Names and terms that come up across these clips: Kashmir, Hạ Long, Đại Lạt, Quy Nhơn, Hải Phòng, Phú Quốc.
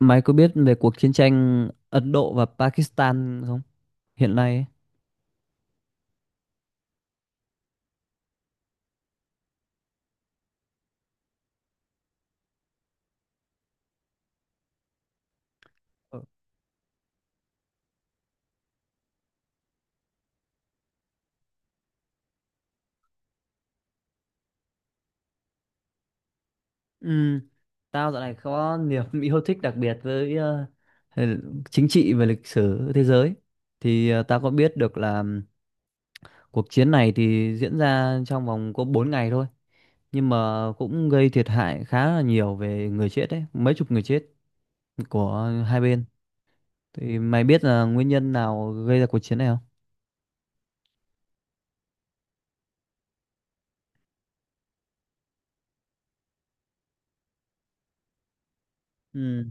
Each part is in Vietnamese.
Mày có biết về cuộc chiến tranh Ấn Độ và Pakistan không? Hiện nay ấy. Ờ. Ừ, tao dạo này có niềm yêu thích đặc biệt với ờ, chính trị và lịch sử thế giới. Thì tao có biết được là cuộc chiến này thì diễn ra trong vòng có 4 ngày thôi. Nhưng mà cũng gây thiệt hại khá là nhiều về người chết đấy, mấy chục người chết của hai bên. Thì mày biết là nguyên nhân nào gây ra cuộc chiến này không? Ừ.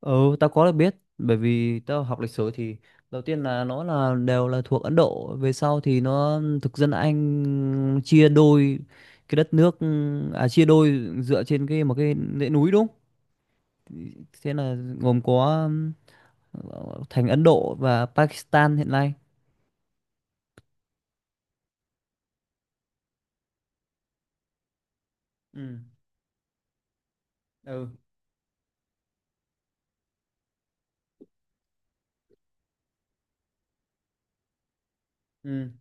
Ừ, tao có được biết bởi vì tao học lịch sử thì đầu tiên là nó là đều là thuộc Ấn Độ, về sau thì nó thực dân Anh chia đôi cái đất nước, à chia đôi dựa trên một cái dãy núi đúng không? Thế là gồm có thành Ấn Độ và Pakistan hiện nay. Ừ. Ừ. Ừ.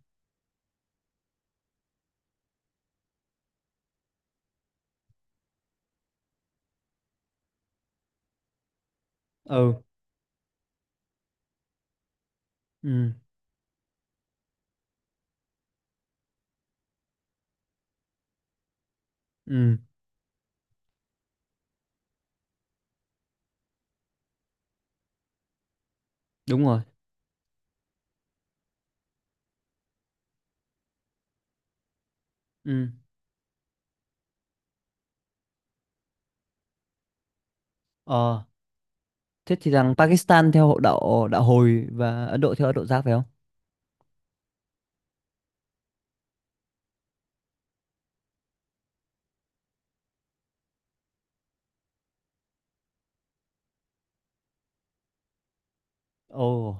Ừ. Ừ. Ừ. Đúng rồi. Ừ. Ờ. Thế thì rằng Pakistan theo hộ đạo đạo hồi và Ấn Độ theo Ấn Độ giáo phải không? Ồ,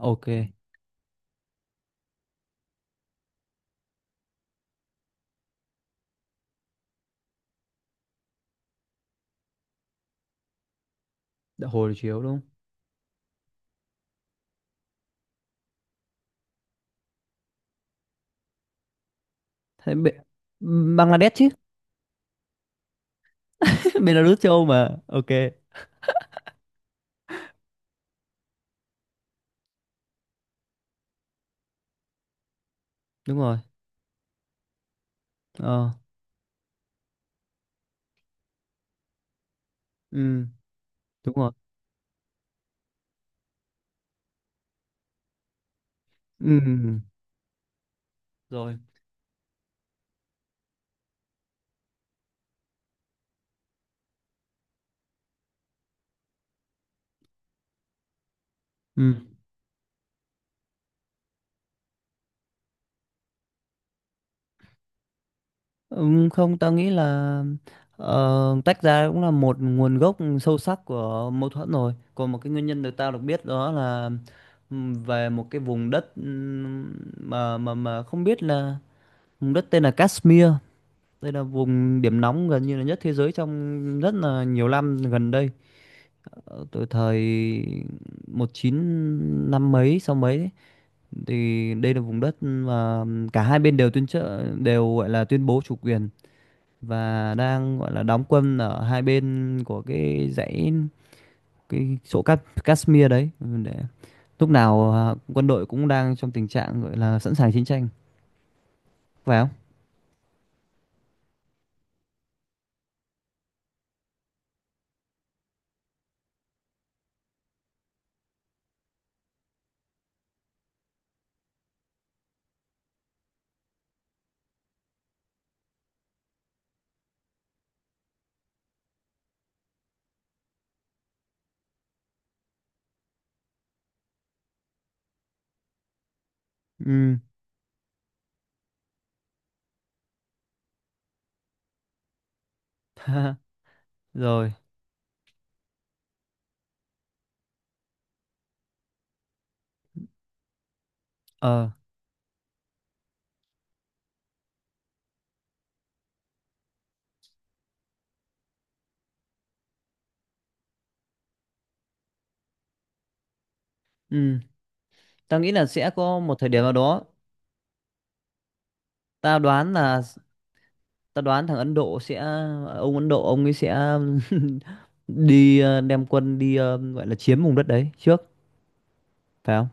ok. Đã hồi chiếu đúng không? Thế Bangladesh chứ. Belarus châu Âu mà, ok. Đúng rồi. Ờ. Ừ. Đúng rồi. Ừ. Rồi. Ừ. Không, tao nghĩ là ờ, tách ra cũng là một nguồn gốc sâu sắc của mâu thuẫn rồi, còn một cái nguyên nhân được tao được biết đó là, về một cái vùng đất, mà không biết là vùng đất tên là Kashmir. Đây là vùng điểm nóng gần như là nhất thế giới trong rất là nhiều năm gần đây. Ờ, từ thời một chín năm mấy sau mấy ấy, thì đây là vùng đất mà cả hai bên đều tuyên trợ đều gọi là tuyên bố chủ quyền và đang gọi là đóng quân ở hai bên của cái dãy, cái chỗ Cát Kashmir đấy, để lúc nào quân đội cũng đang trong tình trạng gọi là sẵn sàng chiến tranh phải không? Ừ. Rồi. Ờ. Ừ. Tao nghĩ là sẽ có một thời điểm nào đó. Tao đoán là, ta đoán thằng Ấn Độ sẽ, ông Ấn Độ ông ấy sẽ đem quân gọi là chiếm vùng đất đấy trước phải không?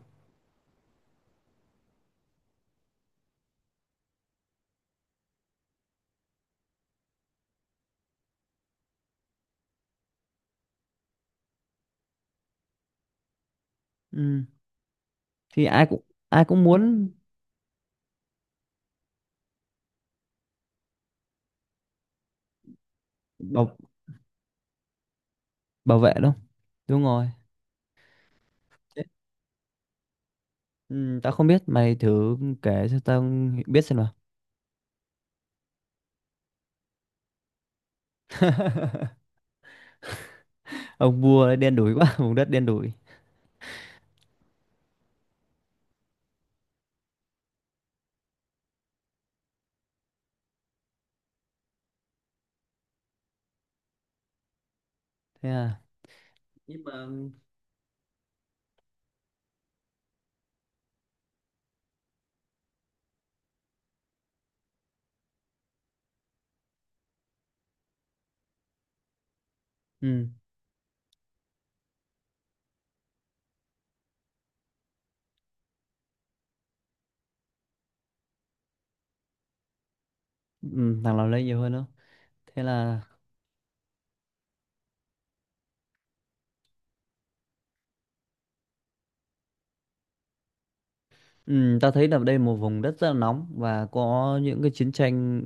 Ừ. Thì ai cũng muốn, bảo bảo vệ đâu, đúng rồi. Thế- ừ, tao không biết, mày thử kể cho tao biết xem nào. Ông vua ấy đen đủi quá. Vùng đất đen đủi. Thế à? Nhưng mà, ừ, ừ, thằng nào lấy nhiều hơn đâu, thế là. Ừ, ta thấy là đây là một vùng đất rất là nóng và có những cái chiến tranh,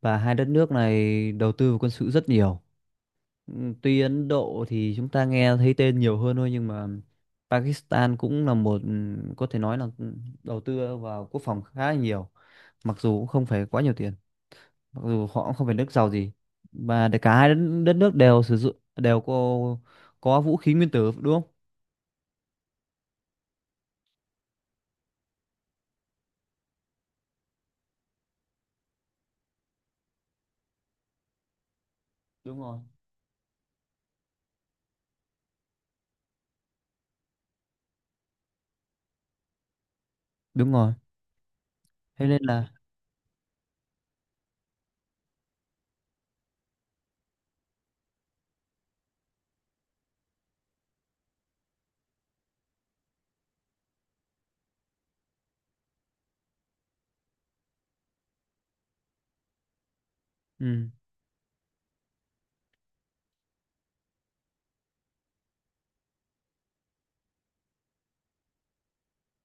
và hai đất nước này đầu tư vào quân sự rất nhiều. Ừ. Tuy Ấn Độ thì chúng ta nghe thấy tên nhiều hơn thôi nhưng mà Pakistan cũng là một, có thể nói là, đầu tư vào quốc phòng khá là nhiều, mặc dù cũng không phải quá nhiều tiền, mặc dù họ cũng không phải nước giàu gì, và để cả hai đất nước đều sử dụng đều có vũ khí nguyên tử đúng không? Đúng rồi. Đúng rồi. Thế nên là, ừ,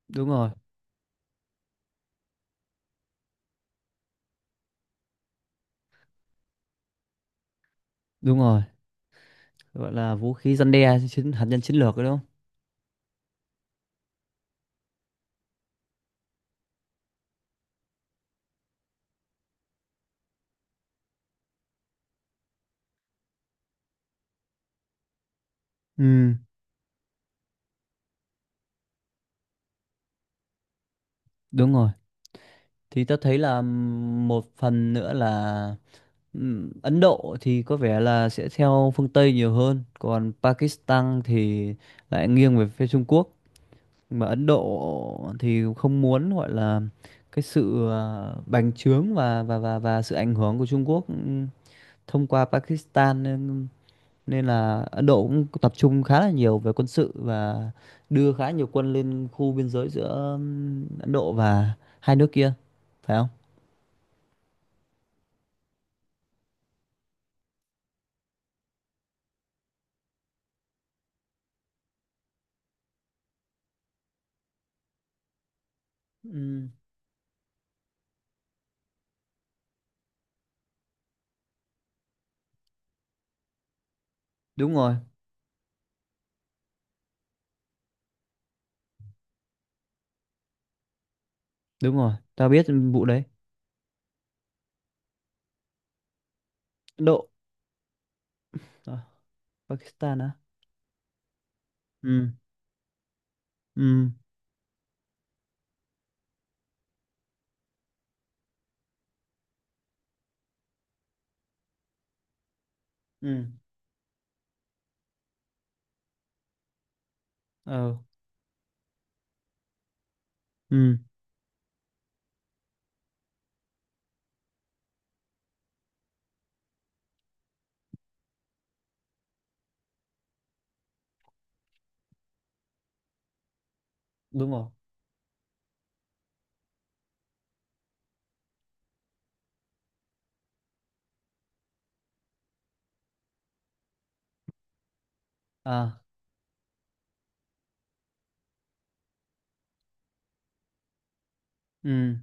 đúng rồi, đúng rồi. Gọi là vũ khí răn đe chiến, hạt nhân chiến lược đấy đúng không? Ừ. Đúng rồi. Thì ta thấy là, một phần nữa là, Ấn Độ thì có vẻ là sẽ theo phương Tây nhiều hơn, còn Pakistan thì lại nghiêng về phía Trung Quốc. Mà Ấn Độ thì không muốn gọi là cái sự bành trướng và sự ảnh hưởng của Trung Quốc, thông qua Pakistan, nên nên là Ấn Độ cũng tập trung khá là nhiều về quân sự và đưa khá nhiều quân lên khu biên giới giữa, Ấn Độ và hai nước kia phải không? Ừm, đúng rồi, đúng rồi, tao biết vụ đấy. Ấn Độ, à, Pakistan á. Ừ, ừ, ừ, ờ, ừ, đúng rồi. À, ừ,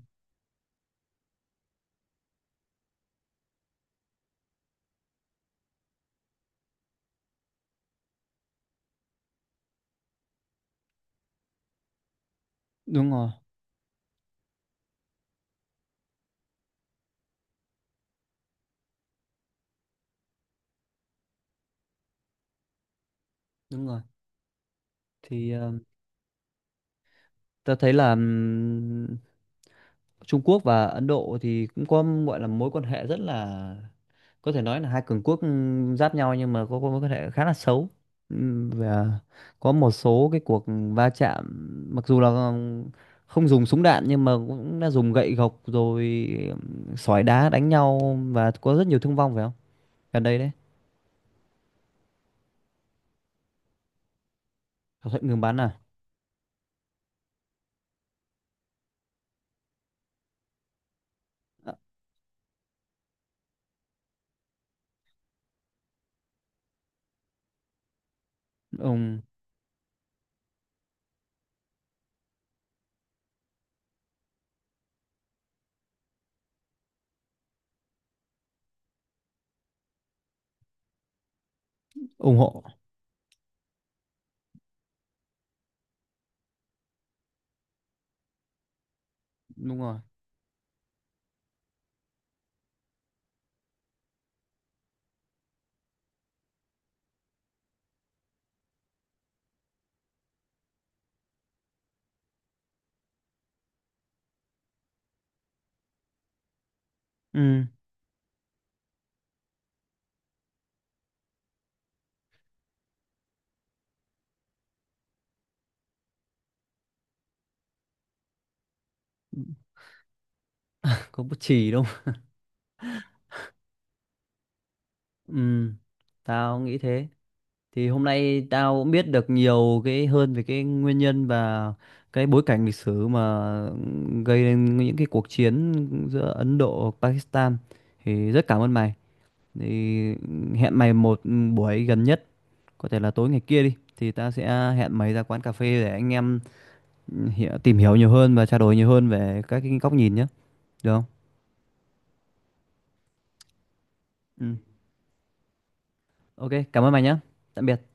đúng rồi, đúng rồi. Thì ta thấy là, Trung Quốc và Ấn Độ thì cũng có gọi là mối quan hệ rất là, có thể nói là hai cường quốc, giáp nhau, nhưng mà có mối quan hệ khá là xấu. Và có một số cái cuộc va chạm, mặc dù là không dùng súng đạn nhưng mà cũng đã dùng gậy gộc rồi, sỏi đá đánh nhau và có rất nhiều thương vong phải không, gần đây đấy. Thỏa thuận ngừng bắn à? Ờ, ủng ủng hộ. Đúng rồi. Ừ, có bút chì đâu. Ừ, tao nghĩ thế. Thì hôm nay tao cũng biết được nhiều cái hơn về cái nguyên nhân và cái bối cảnh lịch sử mà gây nên những cái cuộc chiến giữa Ấn Độ và Pakistan. Thì rất cảm ơn mày. Thì hẹn mày một buổi gần nhất, có thể là tối ngày kia đi. Thì ta sẽ hẹn mày ra quán cà phê để anh em hiểu, tìm hiểu nhiều hơn và trao đổi nhiều hơn về các cái góc nhìn nhé. Được không? Ừ. Ok, cảm ơn mày nhé. Tạm biệt.